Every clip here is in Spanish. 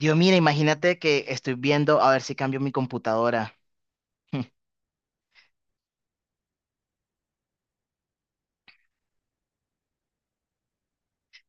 Dios, mira, imagínate que estoy viendo a ver si cambio mi computadora.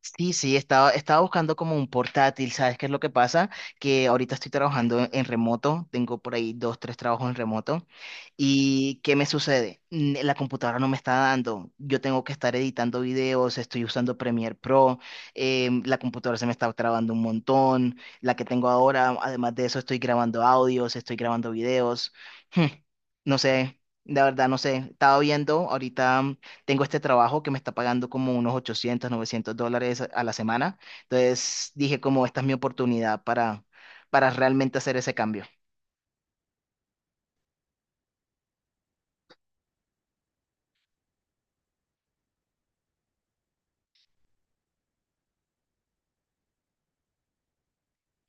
Sí, sí, estaba buscando como un portátil, ¿sabes qué es lo que pasa? Que ahorita estoy trabajando en remoto, tengo por ahí dos, tres trabajos en remoto. ¿Y qué me sucede? La computadora no me está dando. Yo tengo que estar editando videos, estoy usando Premiere Pro, la computadora se me está trabando un montón, la que tengo ahora, además de eso estoy grabando audios, estoy grabando videos. Hmm, no sé, la verdad no sé. Estaba viendo ahorita tengo este trabajo que me está pagando como unos 800, $900 a la semana. Entonces dije como esta es mi oportunidad para realmente hacer ese cambio.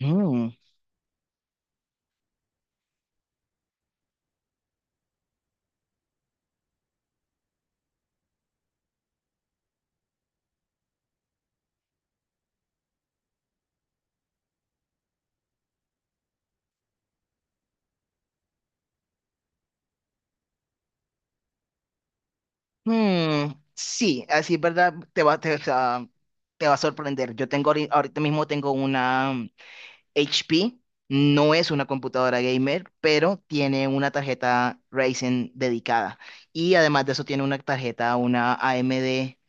Mm, mm, sí, así es verdad, te va, te, o sea, te va a sorprender. Yo tengo ahorita mismo tengo una, HP no es una computadora gamer, pero tiene una tarjeta Ryzen dedicada. Y además de eso tiene una tarjeta, una AMD,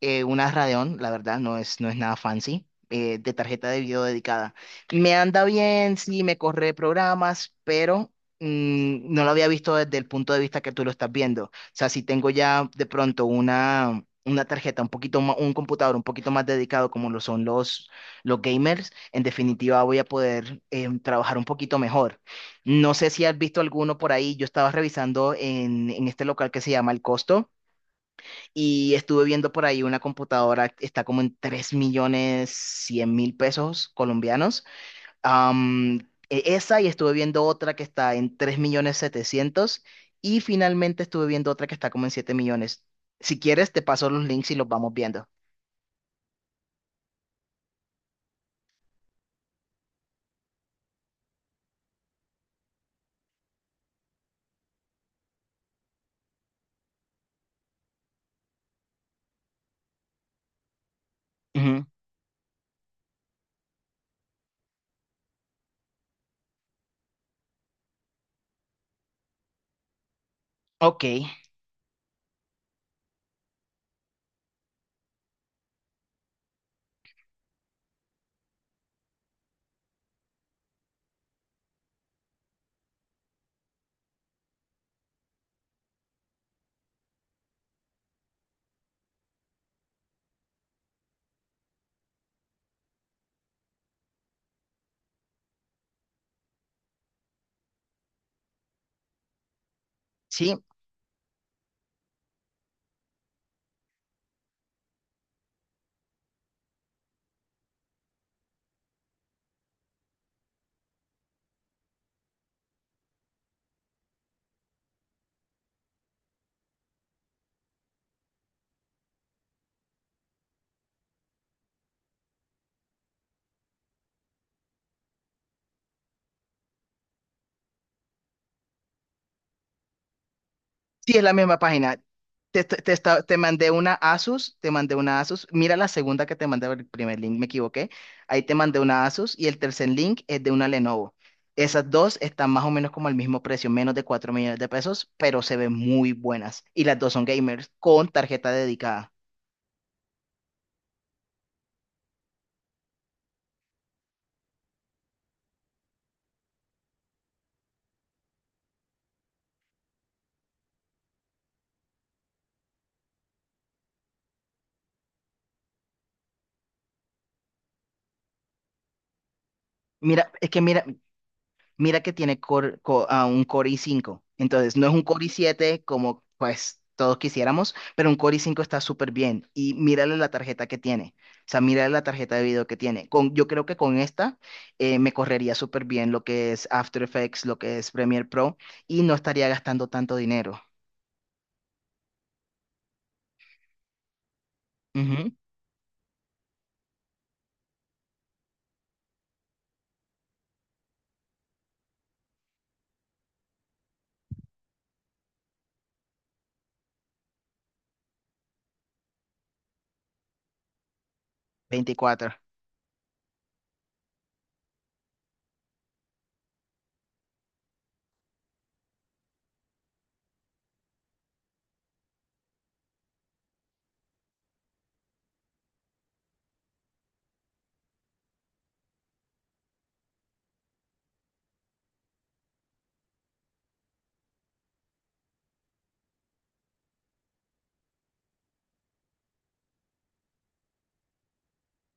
una Radeon, la verdad, no es nada fancy, de tarjeta de video dedicada. Me anda bien, sí, me corre programas, pero no lo había visto desde el punto de vista que tú lo estás viendo. O sea, si tengo ya de pronto una tarjeta, un poquito más, un computador un poquito más dedicado como lo son los gamers, en definitiva voy a poder trabajar un poquito mejor. No sé si has visto alguno por ahí, yo estaba revisando en este local que se llama El Costo y estuve viendo por ahí una computadora, está como en 3.100.000 pesos colombianos. Am, esa y estuve viendo otra que está en 3 millones 700 y finalmente estuve viendo otra que está como en 7 millones. Si quieres, te paso los links y los vamos viendo. Ujú. Ok, sí. Sí, es la misma página. Te mandé una Asus, te mandé una Asus. Mira la segunda que te mandé, el primer link, me equivoqué. Ahí te mandé una Asus y el tercer link es de una Lenovo. Esas dos están más o menos como al mismo precio, menos de 4 millones de pesos, pero se ven muy buenas. Y las dos son gamers con tarjeta dedicada. Mira, es que mira, Mira que tiene un Core i5. Entonces, no es un Core i7 como pues todos quisiéramos, pero un Core i5 está súper bien. Y mírale la tarjeta que tiene. O sea, mírale la tarjeta de video que tiene. Con, yo creo que con esta me correría súper bien lo que es After Effects, lo que es Premiere Pro, y no estaría gastando tanto dinero. Ujú. Veinticuatro.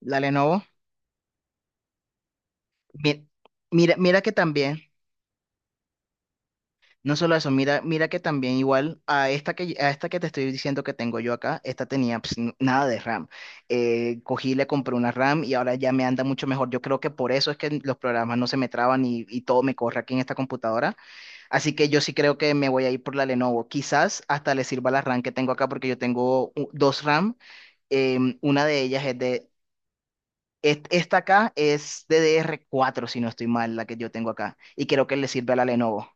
La Lenovo. mi- Mira, mira que también. No solo eso, mira, mira que también igual a esta a esta que te estoy diciendo que tengo yo acá, esta tenía nada de RAM. Cogí, le compré una RAM y ahora ya me anda mucho mejor. Yo creo que por eso es que los programas no se me traban y todo me corre aquí en esta computadora. Así que yo sí creo que me voy a ir por la Lenovo. Quizás hasta le sirva la RAM que tengo acá porque yo tengo dos RAM. Una de ellas es de esta acá es DDR4 si no estoy mal, la que yo tengo acá. Y creo que le sirve a la Lenovo.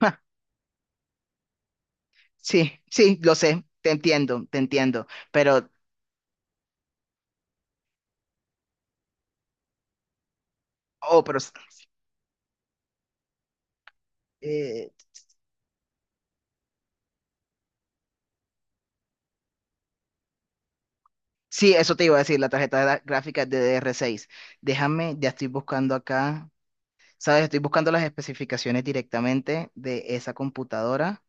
Sí, sí, lo sé, te entiendo, oh, pero, eh, sí, eso te iba a decir, la tarjeta gráfica DDR6. Déjame, ya estoy buscando acá, ¿sabes? Estoy buscando las especificaciones directamente de esa computadora,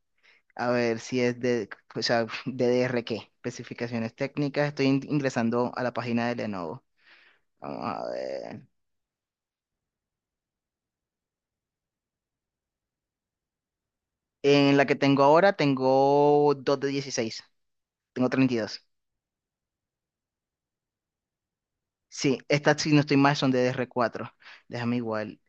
a ver si es DDR qué, especificaciones técnicas, estoy ingresando a la página de Lenovo. Vamos a ver. En la que tengo ahora, tengo 2 de 16, tengo 32. Sí, estas, si no estoy mal, son de DR4. Déjame igual.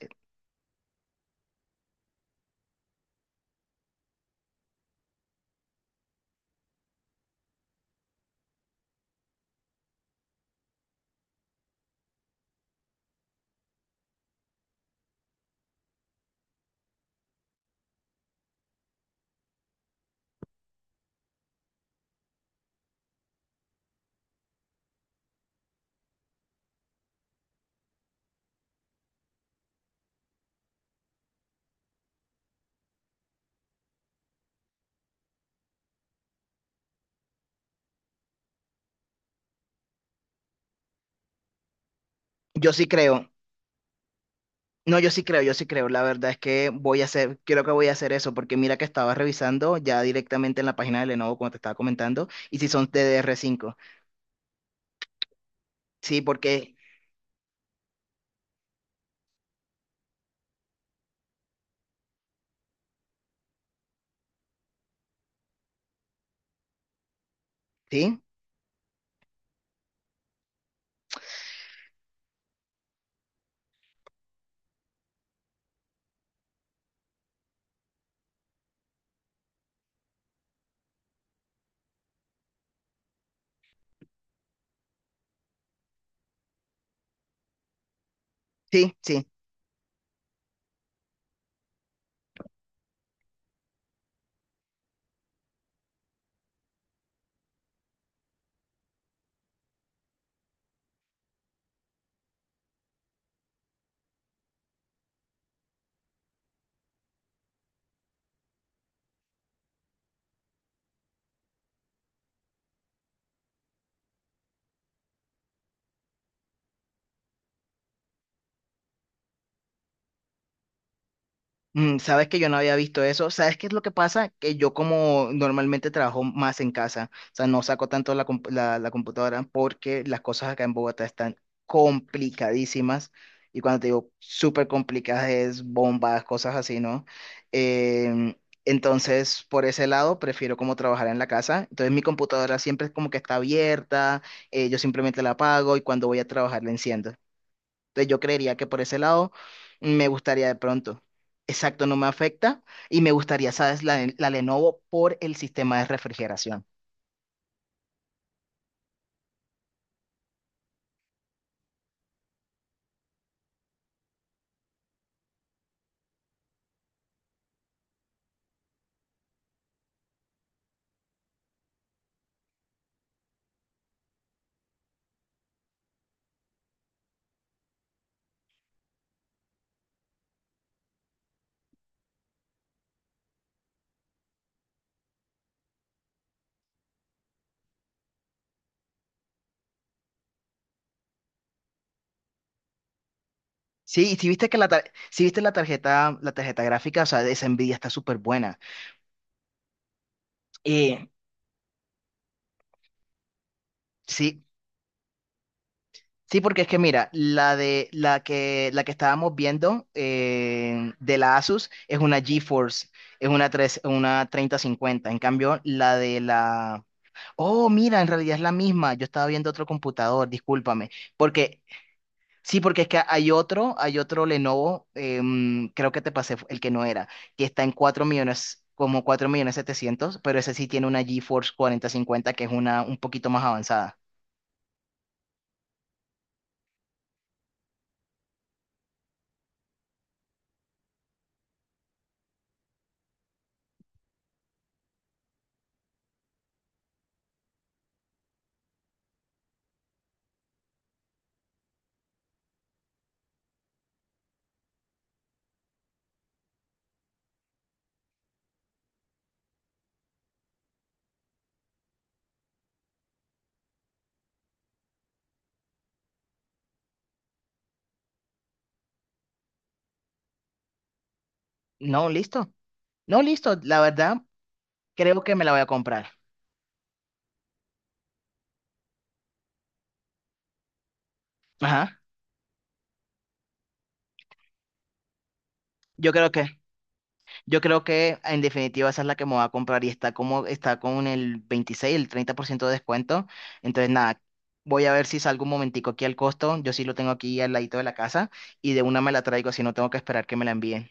Yo sí creo. No, yo sí creo, yo sí creo. La verdad es que voy a hacer, creo que voy a hacer eso, porque mira que estaba revisando ya directamente en la página de Lenovo, como te estaba comentando, y si son de DR5. Sí, porque, sí, sí, sí. Mm, sabes que yo no había visto eso. ¿Sabes qué es lo que pasa? Que yo como normalmente trabajo más en casa, o sea, no saco tanto la computadora porque las cosas acá en Bogotá están complicadísimas. Y cuando te digo súper complicadas es bombas, cosas así, ¿no? Em, entonces, por ese lado, prefiero como trabajar en la casa. Entonces, mi computadora siempre es como que está abierta, yo simplemente la apago y cuando voy a trabajar la enciendo. Entonces yo creería que por ese lado me gustaría de pronto. Exacto, no me afecta y me gustaría, ¿sabes? La Lenovo por el sistema de refrigeración. Sí, y si viste sí viste la tarjeta gráfica, o sea, esa Nvidia está súper buena. Eh, sí, sí, porque es que mira, la que la que estábamos viendo de la Asus es una GeForce, una treinta cincuenta. En cambio, la de la... Oh, mira, en realidad es la misma. Yo estaba viendo otro computador, discúlpame. Porque, sí, porque es que hay otro Lenovo, creo que te pasé el que no era, que está en 4 millones, como 4 millones 700, pero ese sí tiene una GeForce cuarenta cincuenta, que es una un poquito más avanzada. No, listo. No, listo. La verdad, creo que me la voy a comprar. Ajá. Yo creo que. Yo creo que en definitiva esa es la que me va a comprar y está como está con el 26, el 30% de descuento. Entonces nada, voy a ver si salgo un momentico aquí al costo. Yo sí lo tengo aquí al ladito de la casa y de una me la traigo, así no tengo que esperar que me la envíen.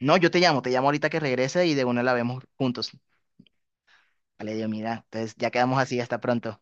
No, yo te llamo ahorita que regrese y de una la vemos juntos. Vale, Dios, mira. Entonces ya quedamos así, hasta pronto.